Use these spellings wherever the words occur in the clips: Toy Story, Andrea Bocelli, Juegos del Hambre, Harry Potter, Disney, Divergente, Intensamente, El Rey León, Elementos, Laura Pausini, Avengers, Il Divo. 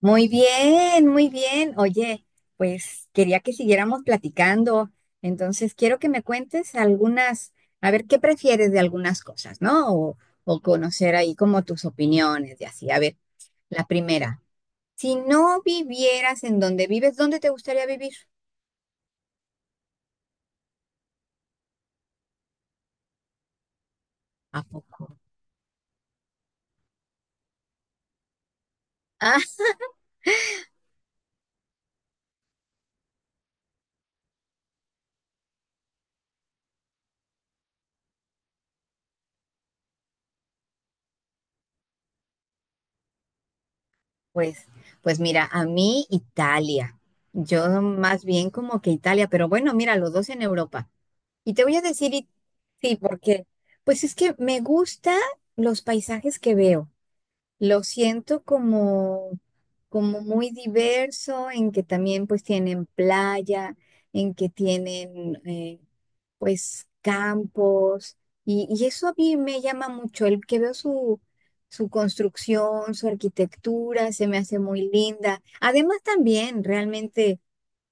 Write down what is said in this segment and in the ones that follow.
Muy bien, muy bien. Oye, pues quería que siguiéramos platicando. Entonces, quiero que me cuentes algunas, a ver, ¿qué prefieres de algunas cosas, no? O conocer ahí como tus opiniones y así. A ver, la primera, si no vivieras en donde vives, ¿dónde te gustaría vivir? ¿A poco? Ah, pues, pues mira, a mí Italia. Yo más bien como que Italia, pero bueno, mira, los dos en Europa. Y te voy a decir, sí, porque pues es que me gustan los paisajes que veo. Lo siento como muy diverso, en que también pues tienen playa, en que tienen pues campos, y eso a mí me llama mucho, el que veo su construcción, su arquitectura, se me hace muy linda. Además también, realmente,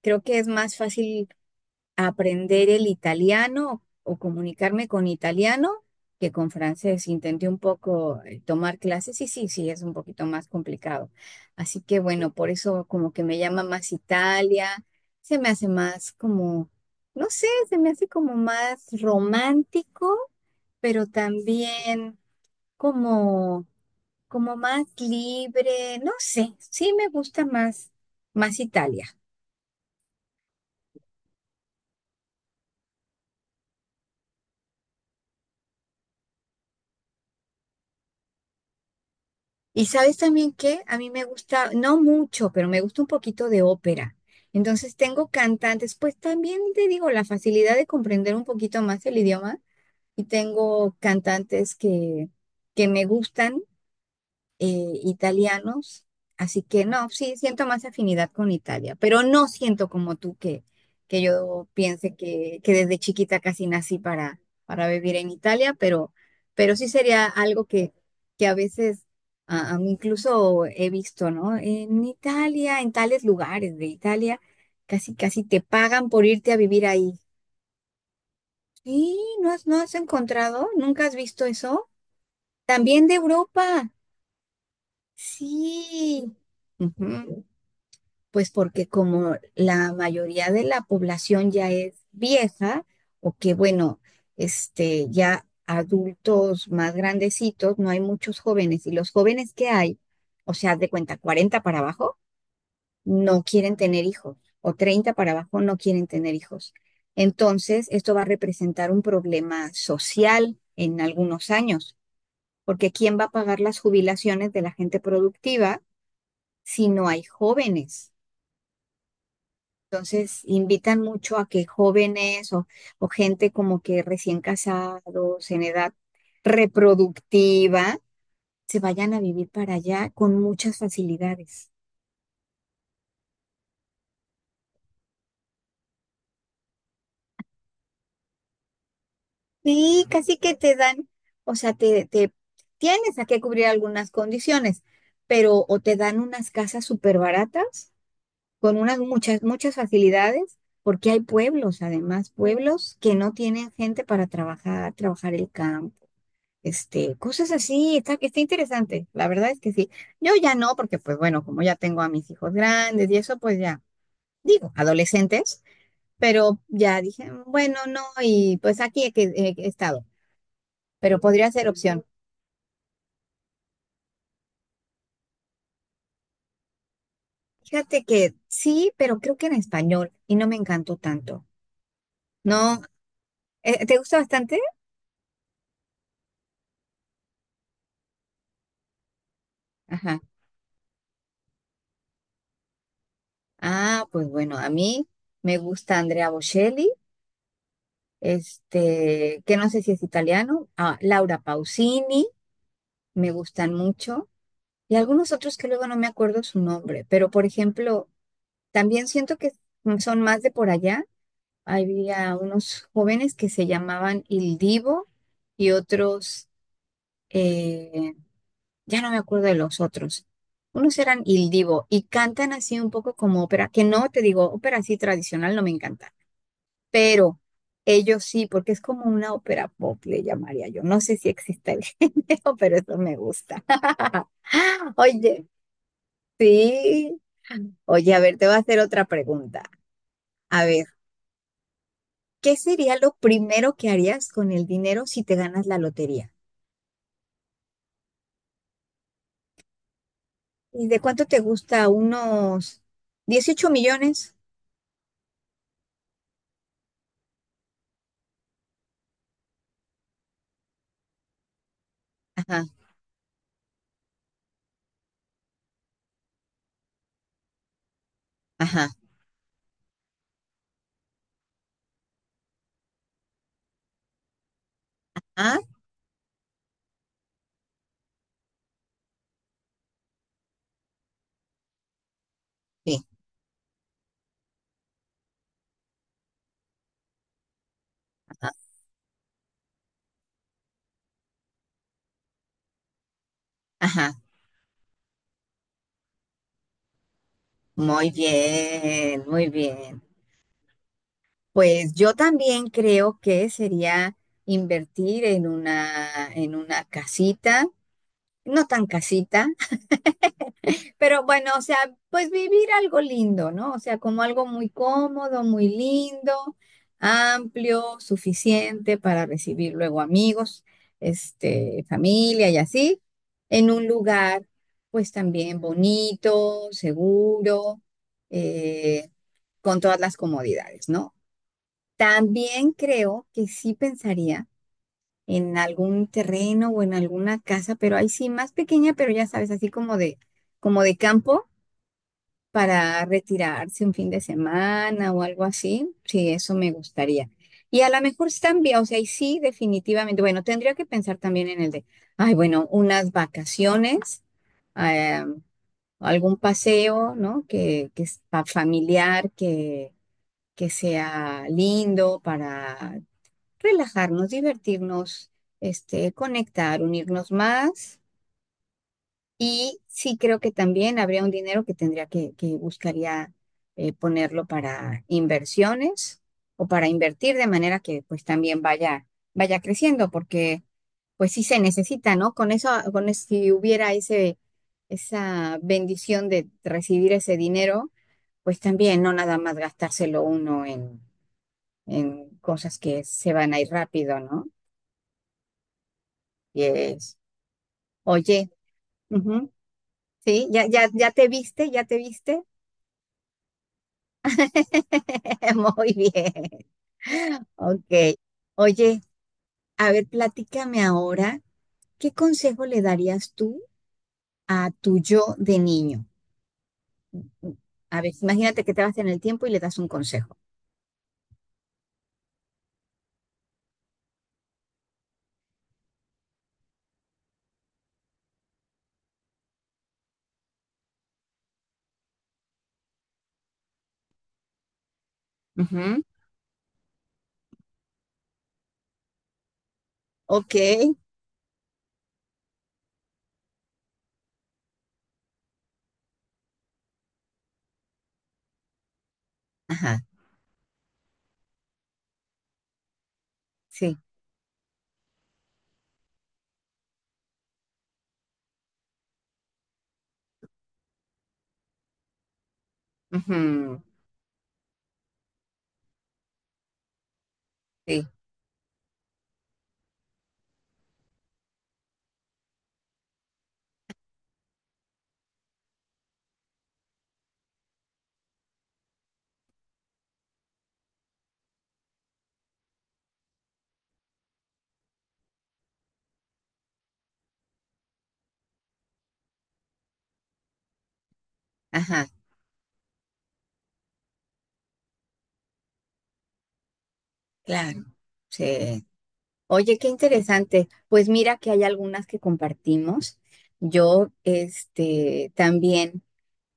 creo que es más fácil aprender el italiano o comunicarme con italiano que con francés. Intenté un poco, tomar clases y sí, sí, es un poquito más complicado. Así que bueno, por eso como que me llama más Italia, se me hace más como, no sé, se me hace como más romántico, pero también como, como más libre, no sé, sí me gusta más Italia. Y sabes también que a mí me gusta, no mucho, pero me gusta un poquito de ópera. Entonces tengo cantantes, pues también te digo, la facilidad de comprender un poquito más el idioma y tengo cantantes que me gustan, italianos, así que no, sí siento más afinidad con Italia, pero no siento como tú que, que yo piense que desde chiquita casi nací para vivir en Italia, pero sí sería algo que a veces a mí incluso he visto, ¿no? En Italia, en tales lugares de Italia, casi casi te pagan por irte a vivir ahí. Sí, ¿no has encontrado? ¿Nunca has visto eso? También de Europa. Sí. Ujú. Pues porque como la mayoría de la población ya es vieja o que bueno, ya adultos más grandecitos, no hay muchos jóvenes y los jóvenes que hay, o sea, haz de cuenta 40 para abajo no quieren tener hijos o 30 para abajo no quieren tener hijos. Entonces, esto va a representar un problema social en algunos años, porque ¿quién va a pagar las jubilaciones de la gente productiva si no hay jóvenes? Entonces, invitan mucho a que jóvenes o gente como que recién casados, en edad reproductiva, se vayan a vivir para allá con muchas facilidades. Sí, casi que te dan, o sea, te tienes a que cubrir algunas condiciones, pero o te dan unas casas súper baratas con unas muchas, muchas facilidades, porque hay pueblos, además, pueblos que no tienen gente para trabajar el campo. Cosas así, está interesante, la verdad es que sí. Yo ya no, porque pues bueno, como ya tengo a mis hijos grandes y eso, pues ya, digo, adolescentes, pero ya dije, bueno, no, y pues aquí he estado, pero podría ser opción. Fíjate que sí, pero creo que en español y no me encantó tanto. No, ¿te gusta bastante? Ajá. Ah, pues bueno, a mí me gusta Andrea Bocelli, que no sé si es italiano, ah, Laura Pausini, me gustan mucho. Y algunos otros que luego no me acuerdo su nombre, pero por ejemplo, también siento que son más de por allá. Había unos jóvenes que se llamaban Il Divo y otros, eh, ya no me acuerdo de los otros. Unos eran Il Divo y cantan así un poco como ópera, que no te digo, ópera así tradicional no me encanta, pero ellos sí, porque es como una ópera pop, le llamaría yo. No sé si existe el género, pero eso me gusta. Oye, sí. Oye, a ver, te voy a hacer otra pregunta. A ver, ¿qué sería lo primero que harías con el dinero si te ganas la lotería? ¿Y de cuánto te gusta? ¿Unos 18 millones? Ajá, ajá. Ah, sí, ajá, ajá. Muy bien, muy bien. Pues yo también creo que sería invertir en una, casita, no tan casita. Pero bueno, o sea, pues vivir algo lindo, ¿no? O sea, como algo muy cómodo, muy lindo, amplio, suficiente para recibir luego amigos, familia y así, en un lugar, pues también bonito, seguro, eh, con todas las comodidades, ¿no? También creo que sí pensaría en algún terreno o en alguna casa, pero ahí sí más pequeña, pero ya sabes, así como de campo para retirarse un fin de semana o algo así. Sí, eso me gustaría. Y a lo mejor también, o sea, y sí, definitivamente, bueno, tendría que pensar también ay, bueno, unas vacaciones, eh, algún paseo, ¿no? Que es familiar, que sea lindo para relajarnos, divertirnos, conectar, unirnos más. Y sí creo que también habría un dinero que tendría que buscaría, ponerlo para inversiones o para invertir de manera que pues también vaya creciendo, porque pues sí se necesita, ¿no? Con eso, si hubiera esa bendición de recibir ese dinero, pues también no nada más gastárselo uno en cosas que se van a ir rápido, ¿no? Y es, Oye, ujú, sí, ya, ya, ya te viste, ya te viste. Muy bien, ok. Oye, a ver, platícame ahora, ¿qué consejo le darías tú a tu yo de niño? A ver, imagínate que te vas en el tiempo y le das un consejo. Ujú, ok, ajá, sí, ujú, sí, ajá, claro, sí. Oye, qué interesante. Pues mira que hay algunas que compartimos. Yo, también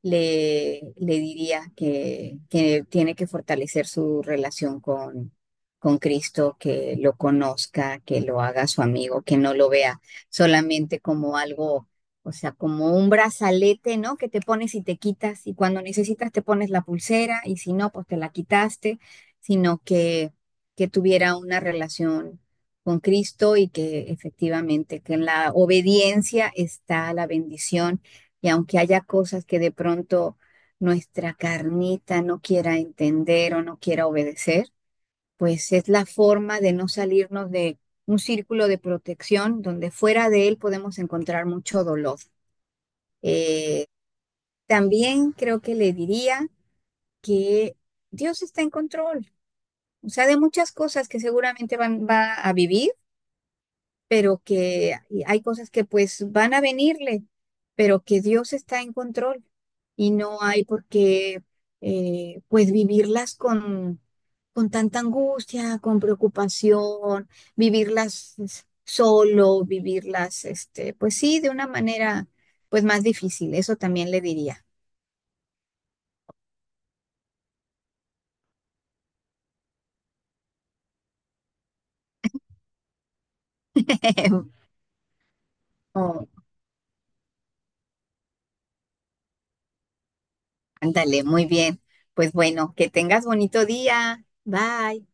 le diría que tiene que fortalecer su relación con Cristo, que lo conozca, que lo haga su amigo, que no lo vea solamente como algo, o sea, como un brazalete, ¿no? Que te pones y te quitas, y cuando necesitas te pones la pulsera, y si no, pues te la quitaste, sino que tuviera una relación con Cristo y que efectivamente que en la obediencia está la bendición y aunque haya cosas que de pronto nuestra carnita no quiera entender o no quiera obedecer, pues es la forma de no salirnos de un círculo de protección donde fuera de él podemos encontrar mucho dolor. Eh, también creo que le diría que Dios está en control, o sea, de muchas cosas que seguramente va a vivir, pero que hay cosas que pues van a venirle, pero que Dios está en control y no hay por qué, pues vivirlas con tanta angustia, con preocupación, vivirlas es, solo, vivirlas, pues sí, de una manera pues más difícil, eso también le diría. Oh, ándale, muy bien. Pues bueno, que tengas bonito día. Bye.